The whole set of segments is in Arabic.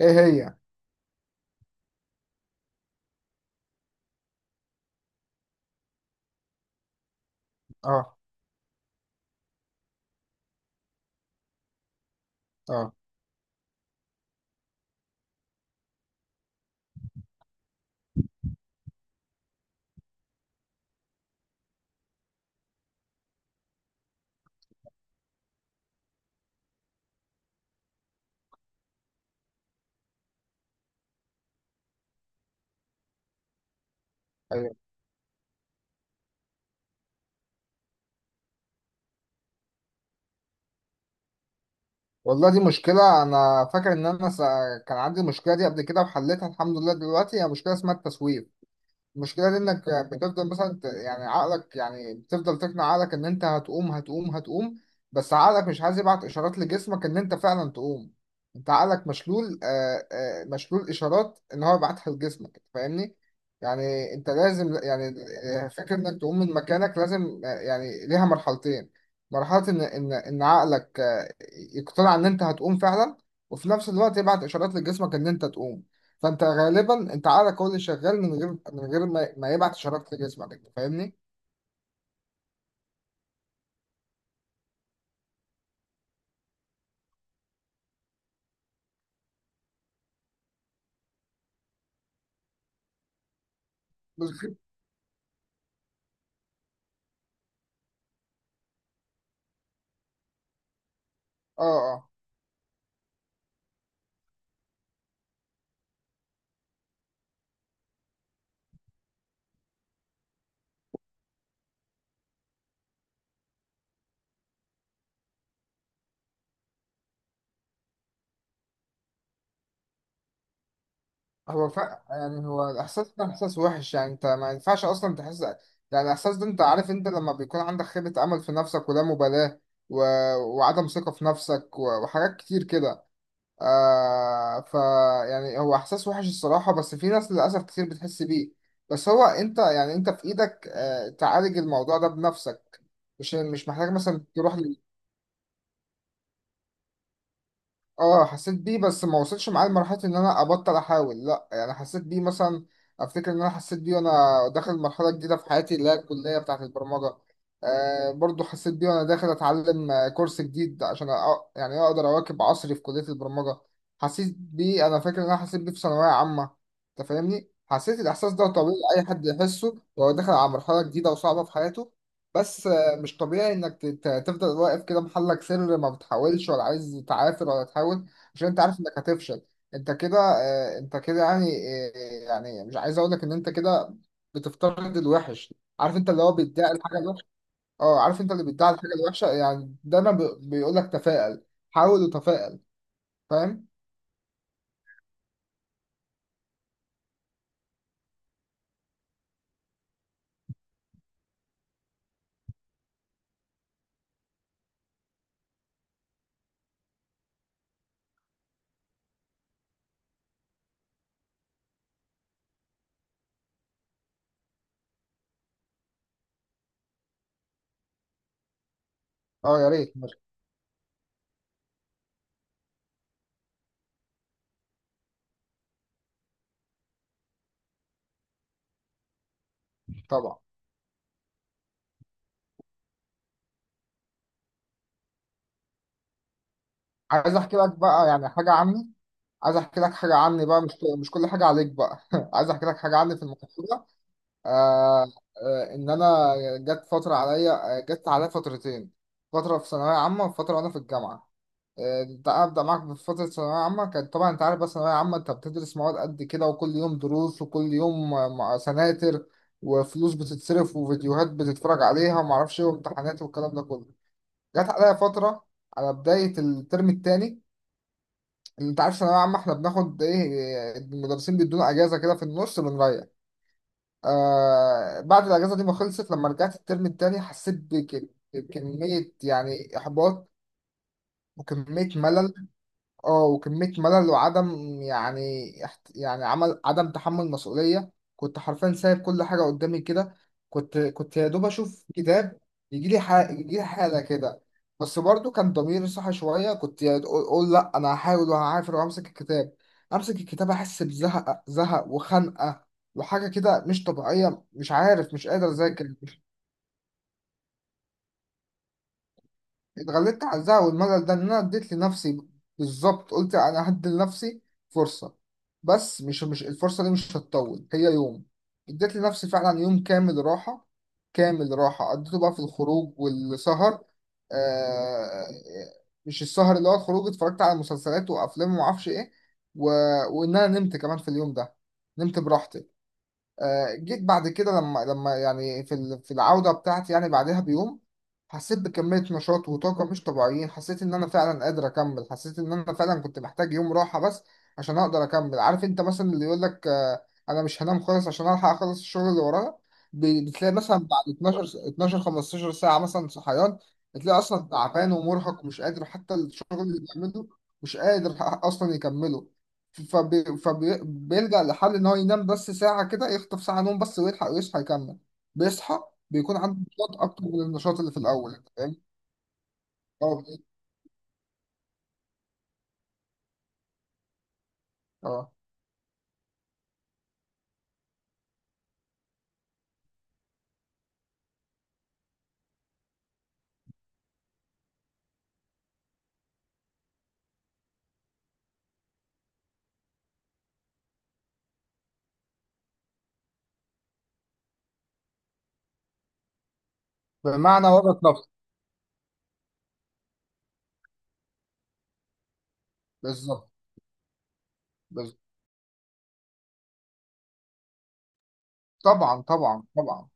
ايه هي؟ اه، اه، ايوه. والله، دي مشكلة. انا فاكر ان انا كان عندي المشكلة دي قبل كده وحليتها، الحمد لله. دلوقتي هي مشكلة اسمها التسويف. المشكلة دي انك بتفضل مثلا يعني عقلك، يعني بتفضل تقنع عقلك ان انت هتقوم، بس عقلك مش عايز يبعت اشارات لجسمك ان انت فعلا تقوم. انت عقلك مشلول، آه، مشلول اشارات ان هو يبعتها لجسمك، فاهمني؟ يعني انت لازم، يعني فكرة انك تقوم من مكانك لازم، يعني ليها مرحلتين. مرحلة ان عقلك يقتنع ان انت هتقوم فعلا، وفي نفس الوقت يبعت اشارات لجسمك ان انت تقوم. فانت غالبا انت عقلك هو اللي شغال من غير ما يبعت اشارات لجسمك. انت فاهمني؟ بالظبط. اه، اه. هو يعني هو الاحساس ده احساس وحش. يعني انت ما ينفعش اصلا تحس. يعني الاحساس ده، انت عارف، انت لما بيكون عندك خيبة امل في نفسك، ولا مبالاة، و... وعدم ثقة في نفسك، وحاجات كتير كده، آه ف يعني هو احساس وحش الصراحة. بس في ناس للاسف كتير بتحس بيه. بس هو انت، يعني انت في ايدك تعالج الموضوع ده بنفسك. مش محتاج مثلا تروح. اه، حسيت بيه، بس ما وصلش معايا لمرحلة ان انا ابطل احاول، لا. يعني حسيت بيه مثلا، افتكر ان انا حسيت بيه وانا داخل مرحلة جديدة في حياتي، اللي هي الكلية بتاعة البرمجة. آه، برضو حسيت بيه وانا داخل اتعلم كورس جديد عشان يعني اقدر اواكب عصري في كلية البرمجة. حسيت بيه، انا فاكر ان انا حسيت بيه في ثانوية عامة. انت فاهمني؟ حسيت الاحساس ده، طبيعي اي حد يحسه وهو داخل على مرحلة جديدة وصعبة في حياته. بس مش طبيعي انك تفضل واقف كده محلك سر، ما بتحاولش، ولا عايز تعافر ولا تحاول، عشان انت عارف انك هتفشل. انت كده، انت كده يعني، يعني مش عايز اقول لك ان انت كده بتفترض الوحش. عارف، انت اللي هو بيدعي الحاجه الوحشه. اه، عارف، انت اللي بيدعي الحاجه الوحشه. يعني دايما بيقول لك تفائل. حاول وتفائل. فاهم؟ اه، يا ريت. ماشي. طبعا. عايز احكي لك بقى يعني حاجه عني. عايز احكي لك حاجه عني بقى. مش كل حاجه عليك بقى عايز احكي لك حاجه عني في الموضوع. آه آه، ان انا جت فتره عليا، جت عليا فترتين. فتره في ثانويه عامه، وفتره وانا في الجامعه. آه انت ابدا معاك. في فتره ثانويه عامه كانت، طبعا انت عارف بقى ثانويه عامه، انت بتدرس مواد قد كده، وكل يوم دروس، وكل يوم سناتر، وفلوس بتتصرف، وفيديوهات بتتفرج عليها، وما اعرفش ايه، وامتحانات، والكلام ده كله. جت عليا فتره على بدايه الترم الثاني. انت عارف ثانويه عامه احنا بناخد ايه، المدرسين بيدونا اجازه كده في النص، بنريح. آه، بعد الأجازة دي ما خلصت، لما رجعت الترم التاني حسيت بكمية، يعني إحباط، وكمية ملل. اه، وكمية ملل، وعدم يعني يعني عمل عدم تحمل مسؤولية. كنت حرفيا سايب كل حاجة قدامي كده. كنت يا دوب أشوف كتاب، يجيلي حاجة، يجيلي حالة كده. بس برضو كان ضميري صاحي شوية. كنت أقول: لأ، أنا هحاول وهعافر وأمسك الكتاب. أمسك الكتاب أحس بزهق، وخنقة، وحاجة كده مش طبيعية، مش عارف، مش قادر أذاكر. اتغلبت على الزعل والملل ده ان انا اديت لنفسي، بالظبط. قلت انا هدي لنفسي فرصه، بس مش الفرصه دي مش هتطول، هي يوم. اديت لنفسي فعلا يوم كامل راحه، كامل راحه، قضيته بقى في الخروج والسهر. آه، مش السهر اللي هو الخروج، اتفرجت على مسلسلات وافلام وما اعرفش ايه، و... وان انا نمت كمان في اليوم ده، نمت براحتي. آه، جيت بعد كده لما، يعني في في العودة بتاعتي يعني بعدها بيوم، حسيت بكمية نشاط وطاقة مش طبيعيين. حسيت إن أنا فعلا قادر أكمل. حسيت إن أنا فعلا كنت محتاج يوم راحة بس عشان أقدر أكمل. عارف أنت مثلا اللي يقول لك أنا مش هنام خالص عشان ألحق أخلص الشغل اللي ورايا، بتلاقي مثلا بعد 12 12 15 ساعة مثلا صحيان. بتلاقي أصلا تعبان ومرهق، ومش قادر حتى الشغل اللي بيعمله مش قادر أصلا يكمله. فبيلجأ لحل إن هو ينام بس ساعة كده، يخطف ساعة نوم بس ويلحق ويصحى يكمل. بيصحى بيكون عنده نشاط أكتر من النشاط اللي في الأول، أنت فاهم؟ أه، أه. بمعنى ورط نفسه، بالظبط. بالظبط. طبعا، طبعا، طبعا.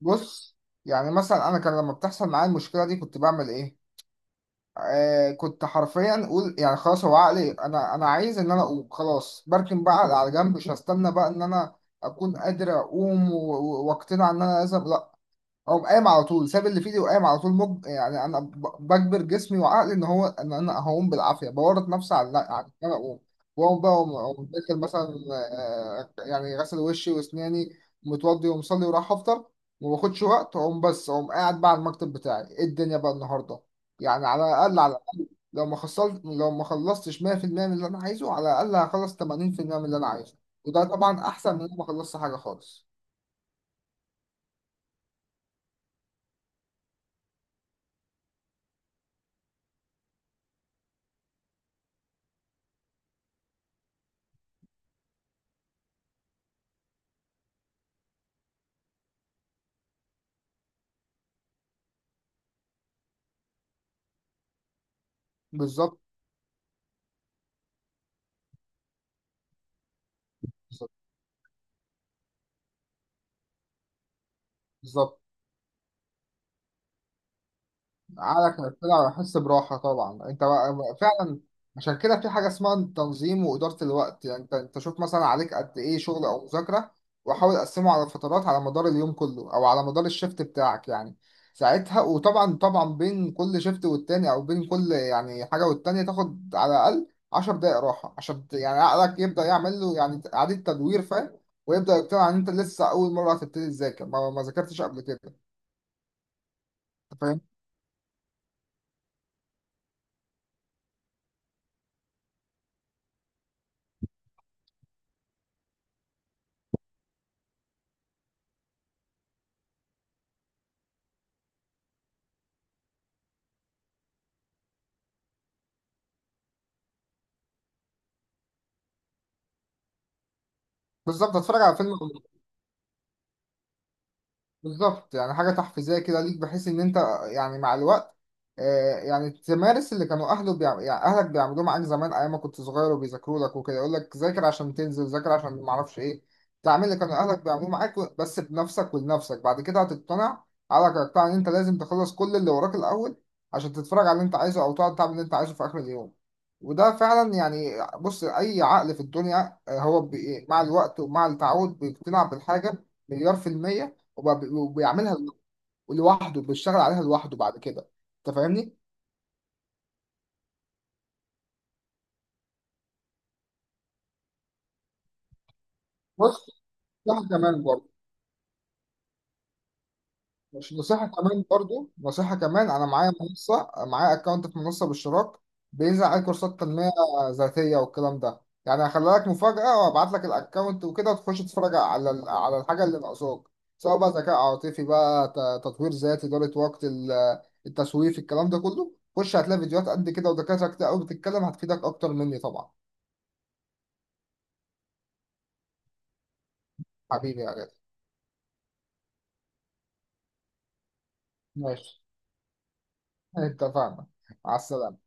بص، يعني مثلا أنا كان لما بتحصل معايا المشكلة دي كنت بعمل إيه؟ آه، كنت حرفيا أقول: يعني خلاص، هو عقلي أنا عايز إن أنا أقوم، خلاص بركن بقى على جنب، مش هستنى بقى إن أنا أكون قادر أقوم وأقتنع إن أنا لازم اقوم. قايم على طول، ساب اللي في ايدي وقايم على طول. يعني انا بجبر جسمي وعقلي ان هو ان انا هقوم بالعافيه، بورط نفسي على ان انا اقوم. واقوم بقى، أقوم داخل مثلا يعني غسل وشي واسناني، متوضي ومصلي، وراح افطر. وما باخدش وقت اقوم، بس اقوم قاعد بقى على المكتب بتاعي ايه الدنيا بقى النهارده. يعني على الاقل، على الاقل لو ما خلصت، لو ما خلصتش 100% من اللي انا عايزه، على الاقل هخلص 80% من اللي انا عايزه. وده طبعا احسن من إن أنا ما خلصت حاجه خالص. بالظبط، بالظبط، بالظبط. عقلك هيطلع ويحس براحة، طبعا. انت بقى، فعلا. عشان كده في حاجة اسمها تنظيم وإدارة الوقت. يعني انت شوف مثلا عليك قد ايه شغل او مذاكرة، وحاول اقسمه على فترات على مدار اليوم كله، او على مدار الشفت بتاعك يعني ساعتها. وطبعا، طبعا، بين كل شفت والتاني، او بين كل يعني حاجة والتانية، تاخد على الاقل 10 دقائق راحة، عشان يعني عقلك يبدأ يعمل له يعني إعادة تدوير، فاهم؟ ويبدأ يقتنع ان انت لسه اول مرة هتبتدي تذاكر، ما ذاكرتش قبل كده. أنت فاهم؟ بالظبط، اتفرج على فيلم. بالظبط. يعني حاجة تحفيزية كده ليك، بحيث إن أنت يعني مع الوقت يعني تمارس اللي كانوا يعني أهلك بيعملوه معاك زمان أيام ما كنت صغير وبيذاكروا لك وكده. يقول لك: ذاكر عشان تنزل، ذاكر عشان معرفش إيه. تعمل اللي كانوا أهلك بيعملوه معاك، بس بنفسك ولنفسك. بعد كده هتقتنع، عقلك هيقتنع إن أنت لازم تخلص كل اللي وراك الأول عشان تتفرج على اللي أنت عايزه، أو تقعد تعمل اللي أنت عايزه في آخر اليوم. وده فعلا يعني، بص، أي عقل في الدنيا هو مع الوقت ومع التعود بيقتنع بالحاجة مليار في المية، وبيعملها لوحده، بيشتغل عليها لوحده بعد كده. انت فاهمني؟ بص، نصيحة كمان برضه. مش نصيحة كمان برضه نصيحة كمان: أنا معايا منصة، معايا أكونت في منصة باشتراك بينزل عليه كورسات تنمية ذاتية والكلام ده. يعني هخلي لك مفاجأة وأبعت لك الأكونت وكده، وتخش تتفرج على على الحاجة اللي ناقصاك، سواء بقى ذكاء عاطفي بقى، تطوير ذاتي، إدارة وقت، التسويف، الكلام ده كله. خش هتلاقي فيديوهات قد كده، ودكاترة كتير قوي بتتكلم، هتفيدك أكتر مني طبعا. حبيبي يا غالي. ماشي، اتفقنا. على السلامة.